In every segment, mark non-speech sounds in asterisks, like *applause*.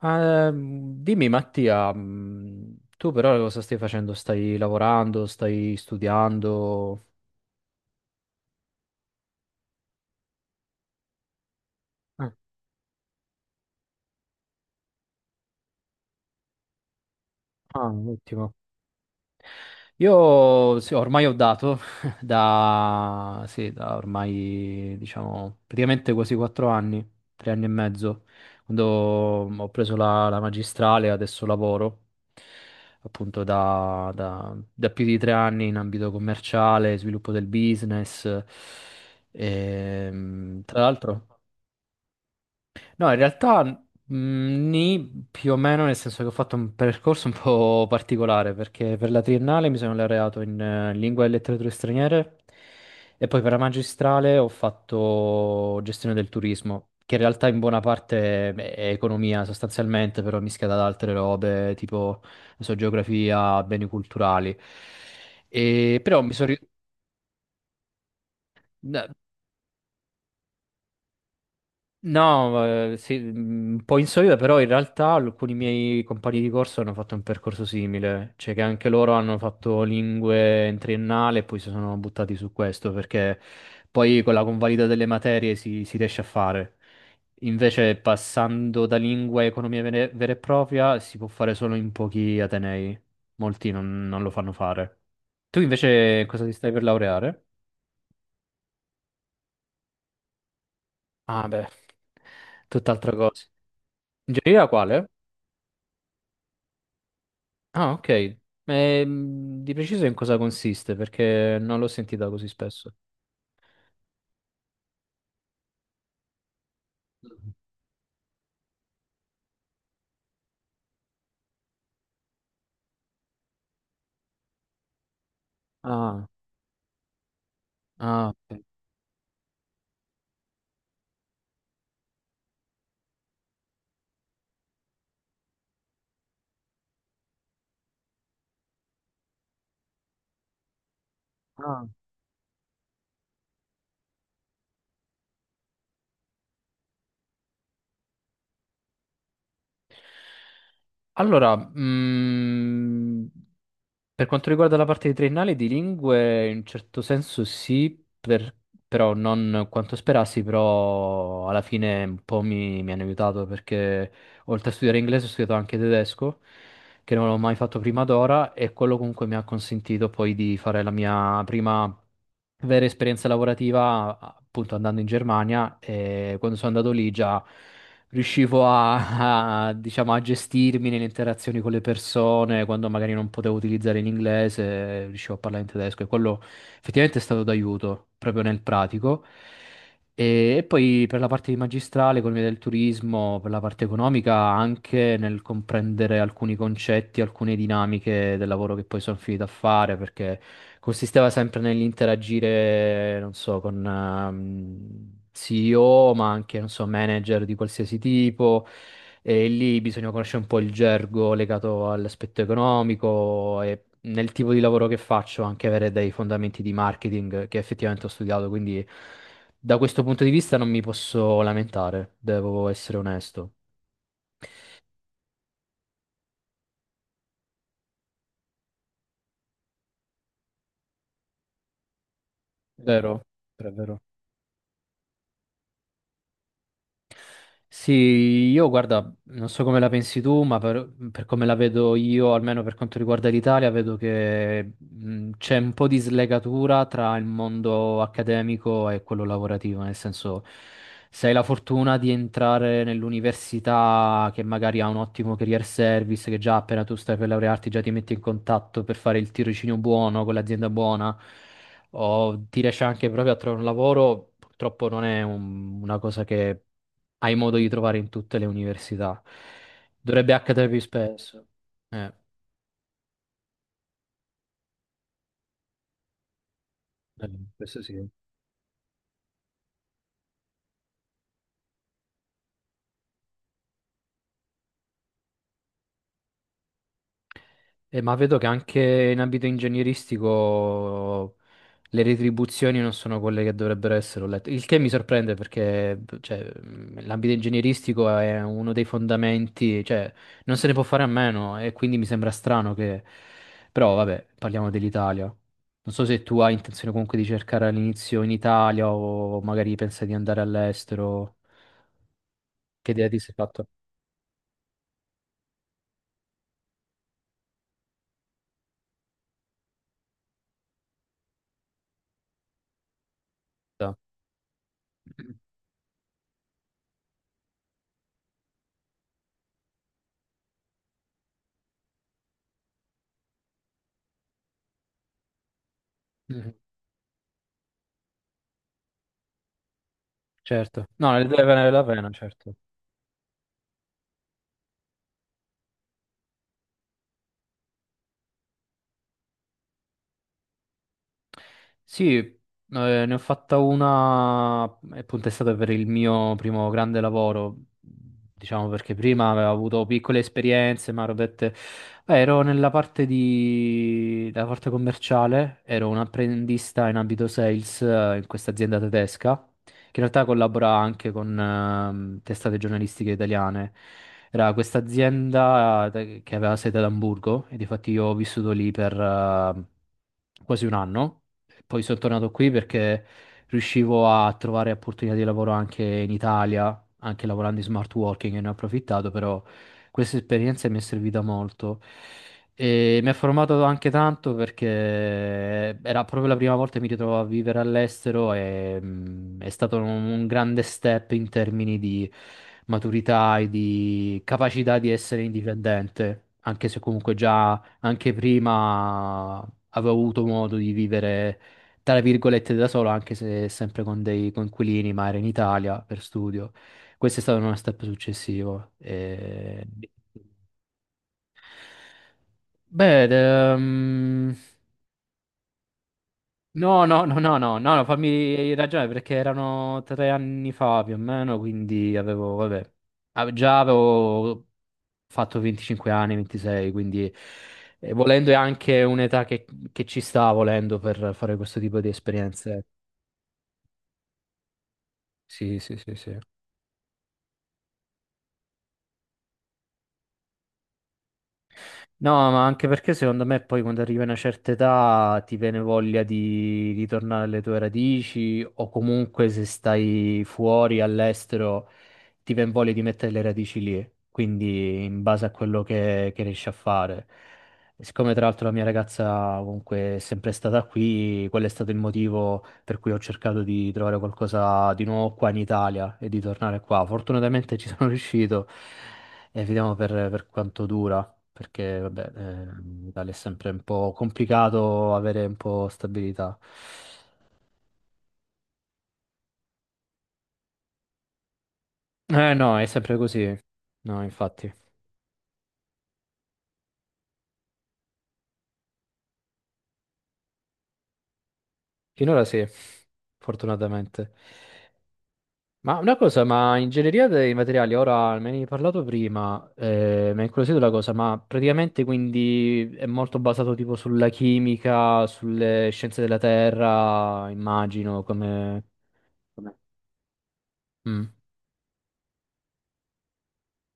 Ah, dimmi Mattia, tu però cosa stai facendo? Stai lavorando? Stai studiando? Ah, ah, ottimo. Io sì, ormai ho dato *laughs* da ormai diciamo praticamente quasi 4 anni, 3 anni e mezzo, quando ho preso la magistrale, adesso lavoro appunto da più di 3 anni in ambito commerciale, sviluppo del business. Tra l'altro. No, in realtà nì, più o meno, nel senso che ho fatto un percorso un po' *laughs* particolare, perché per la triennale mi sono laureato in lingua e letterature straniere e poi per la magistrale ho fatto gestione del turismo, che in realtà in buona parte è economia sostanzialmente, però mischiata ad altre robe, tipo, non so, geografia, beni culturali. E però mi sono... ri- No, sì, un po' insolito, però in realtà alcuni miei compagni di corso hanno fatto un percorso simile, cioè che anche loro hanno fatto lingue in triennale e poi si sono buttati su questo, perché poi con la convalida delle materie si riesce a fare. Invece passando da lingua a economia vera e propria si può fare solo in pochi atenei, molti non lo fanno fare. Tu invece cosa ti stai per laureare? Ah, beh, tutt'altra cosa. Ingegneria quale? Ah, ok. Di preciso in cosa consiste? Perché non l'ho sentita così spesso. Mm. Ah, ah, ok. Ah. Allora, per quanto riguarda la parte di triennale di lingue, in un certo senso sì, però non quanto sperassi, però alla fine un po' mi hanno aiutato perché oltre a studiare inglese ho studiato anche tedesco, che non l'ho mai fatto prima d'ora e quello comunque mi ha consentito poi di fare la mia prima vera esperienza lavorativa appunto andando in Germania, e quando sono andato lì già riuscivo a, diciamo, a gestirmi nelle interazioni con le persone, quando magari non potevo utilizzare l'inglese, riuscivo a parlare in tedesco e quello effettivamente è stato d'aiuto proprio nel pratico. E poi per la parte di magistrale, economia del turismo, per la parte economica, anche nel comprendere alcuni concetti, alcune dinamiche del lavoro che poi sono finito a fare, perché consisteva sempre nell'interagire, non so, con CEO, ma anche, non so, manager di qualsiasi tipo. E lì bisogna conoscere un po' il gergo legato all'aspetto economico, e nel tipo di lavoro che faccio anche avere dei fondamenti di marketing che effettivamente ho studiato, quindi. Da questo punto di vista non mi posso lamentare, devo essere onesto. Vero, però è vero. Sì, io guarda, non so come la pensi tu, ma per come la vedo io, almeno per quanto riguarda l'Italia, vedo che c'è un po' di slegatura tra il mondo accademico e quello lavorativo, nel senso, se hai la fortuna di entrare nell'università che magari ha un ottimo career service, che già appena tu stai per laurearti già ti metti in contatto per fare il tirocinio buono con l'azienda buona, o ti riesci anche proprio a trovare un lavoro, purtroppo non è una cosa che hai modo di trovare in tutte le università. Dovrebbe accadere più spesso. Eh, eh, questo sì. Ma vedo che anche in ambito ingegneristico le retribuzioni non sono quelle che dovrebbero essere, ho letto. Il che mi sorprende perché, cioè, l'ambito ingegneristico è uno dei fondamenti, cioè, non se ne può fare a meno e quindi mi sembra strano che... Però, vabbè, parliamo dell'Italia. Non so se tu hai intenzione comunque di cercare all'inizio in Italia o magari pensa di andare all'estero. Che idea ti sei fatto? Da. Mhm. *clears throat* Certo. No, ne deve valere la pena, certo. Sì, ne ho fatta una, appunto è stato per il mio primo grande lavoro, diciamo, perché prima avevo avuto piccole esperienze, ma ero, dette- Beh, ero della parte commerciale, ero un apprendista in ambito sales in questa azienda tedesca, che in realtà collabora anche con testate giornalistiche italiane. Era questa azienda che aveva sede ad Amburgo, e difatti io ho vissuto lì per quasi un anno. Poi sono tornato qui perché riuscivo a trovare opportunità di lavoro anche in Italia, anche lavorando in smart working, e ne ho approfittato, però questa esperienza mi è servita molto. E mi ha formato anche tanto, perché era proprio la prima volta che mi ritrovo a vivere all'estero, e è stato un grande step in termini di maturità e di capacità di essere indipendente, anche se comunque già anche prima avevo avuto modo di vivere tra virgolette da solo, anche se sempre con dei coinquilini, ma era in Italia per studio. Questo è stato uno step successivo. E... Beh, ed, no, no, no, no, no, no, no, fammi ragionare, perché erano 3 anni fa più o meno, quindi avevo, vabbè, già avevo fatto 25 anni, 26, quindi volendo è anche un'età che ci sta volendo per fare questo tipo di esperienze. Sì, sì, sì, sì. No, ma anche perché secondo me poi quando arrivi a una certa età ti viene voglia di ritornare alle tue radici, o comunque se stai fuori all'estero ti viene voglia di mettere le radici lì, quindi in base a quello che riesci a fare. E siccome tra l'altro la mia ragazza comunque è sempre stata qui, quello è stato il motivo per cui ho cercato di trovare qualcosa di nuovo qua in Italia e di tornare qua. Fortunatamente ci sono *laughs* riuscito, e vediamo per quanto dura, perché vabbè, in Italia è sempre un po' complicato avere un po' stabilità. Eh no, è sempre così. No, infatti. Finora sì, fortunatamente. Ma una cosa, ma ingegneria dei materiali, ora me ne hai parlato prima, mi ha incuriosito la cosa, ma praticamente quindi è molto basato tipo sulla chimica, sulle scienze della terra, immagino, come... Come- Mm,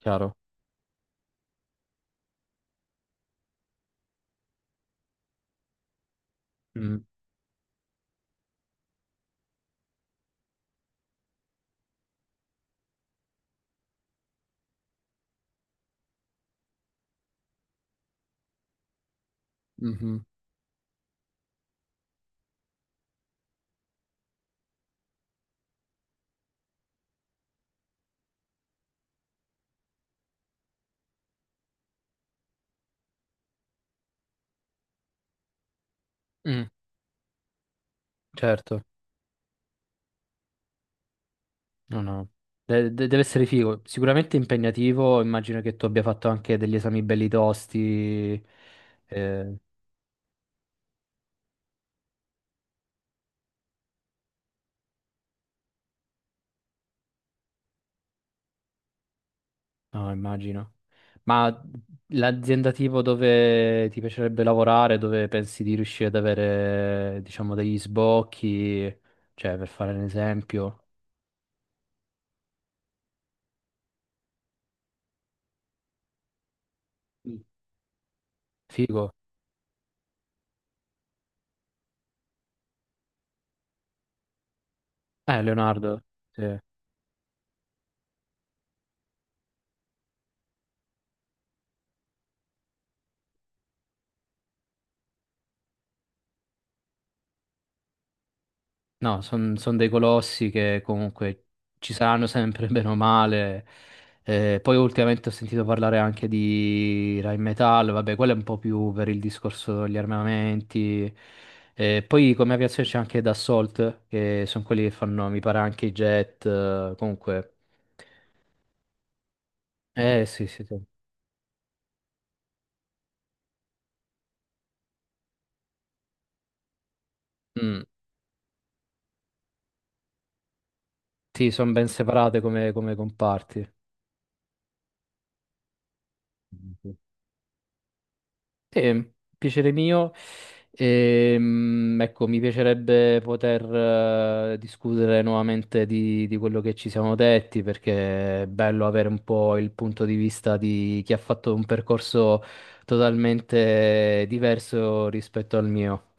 chiaro. Mm. Mm. Mhm. Mm, certo, no, no. Deve essere figo, sicuramente impegnativo, immagino che tu abbia fatto anche degli esami belli tosti. eh, No, immagino. Ma l'azienda tipo dove ti piacerebbe lavorare, dove pensi di riuscire ad avere, diciamo, degli sbocchi, cioè per fare un esempio, Mm. Figo. Leonardo, sì. No, sono dei colossi che comunque ci saranno sempre *laughs* bene o male. Poi ultimamente ho sentito parlare anche di Rheinmetall, vabbè, quello è un po' più per il discorso degli armamenti. Poi come aviazione c'è anche Dassault, che sono quelli che fanno, mi pare, anche i jet, comunque. Eh sì, sì, sì. Mm, sì, sono ben separate come comparti. Sì, piacere mio. Ecco, mi piacerebbe poter discutere nuovamente di quello che ci siamo detti, perché è bello avere un po' il punto di vista di chi ha fatto un percorso totalmente diverso rispetto al mio.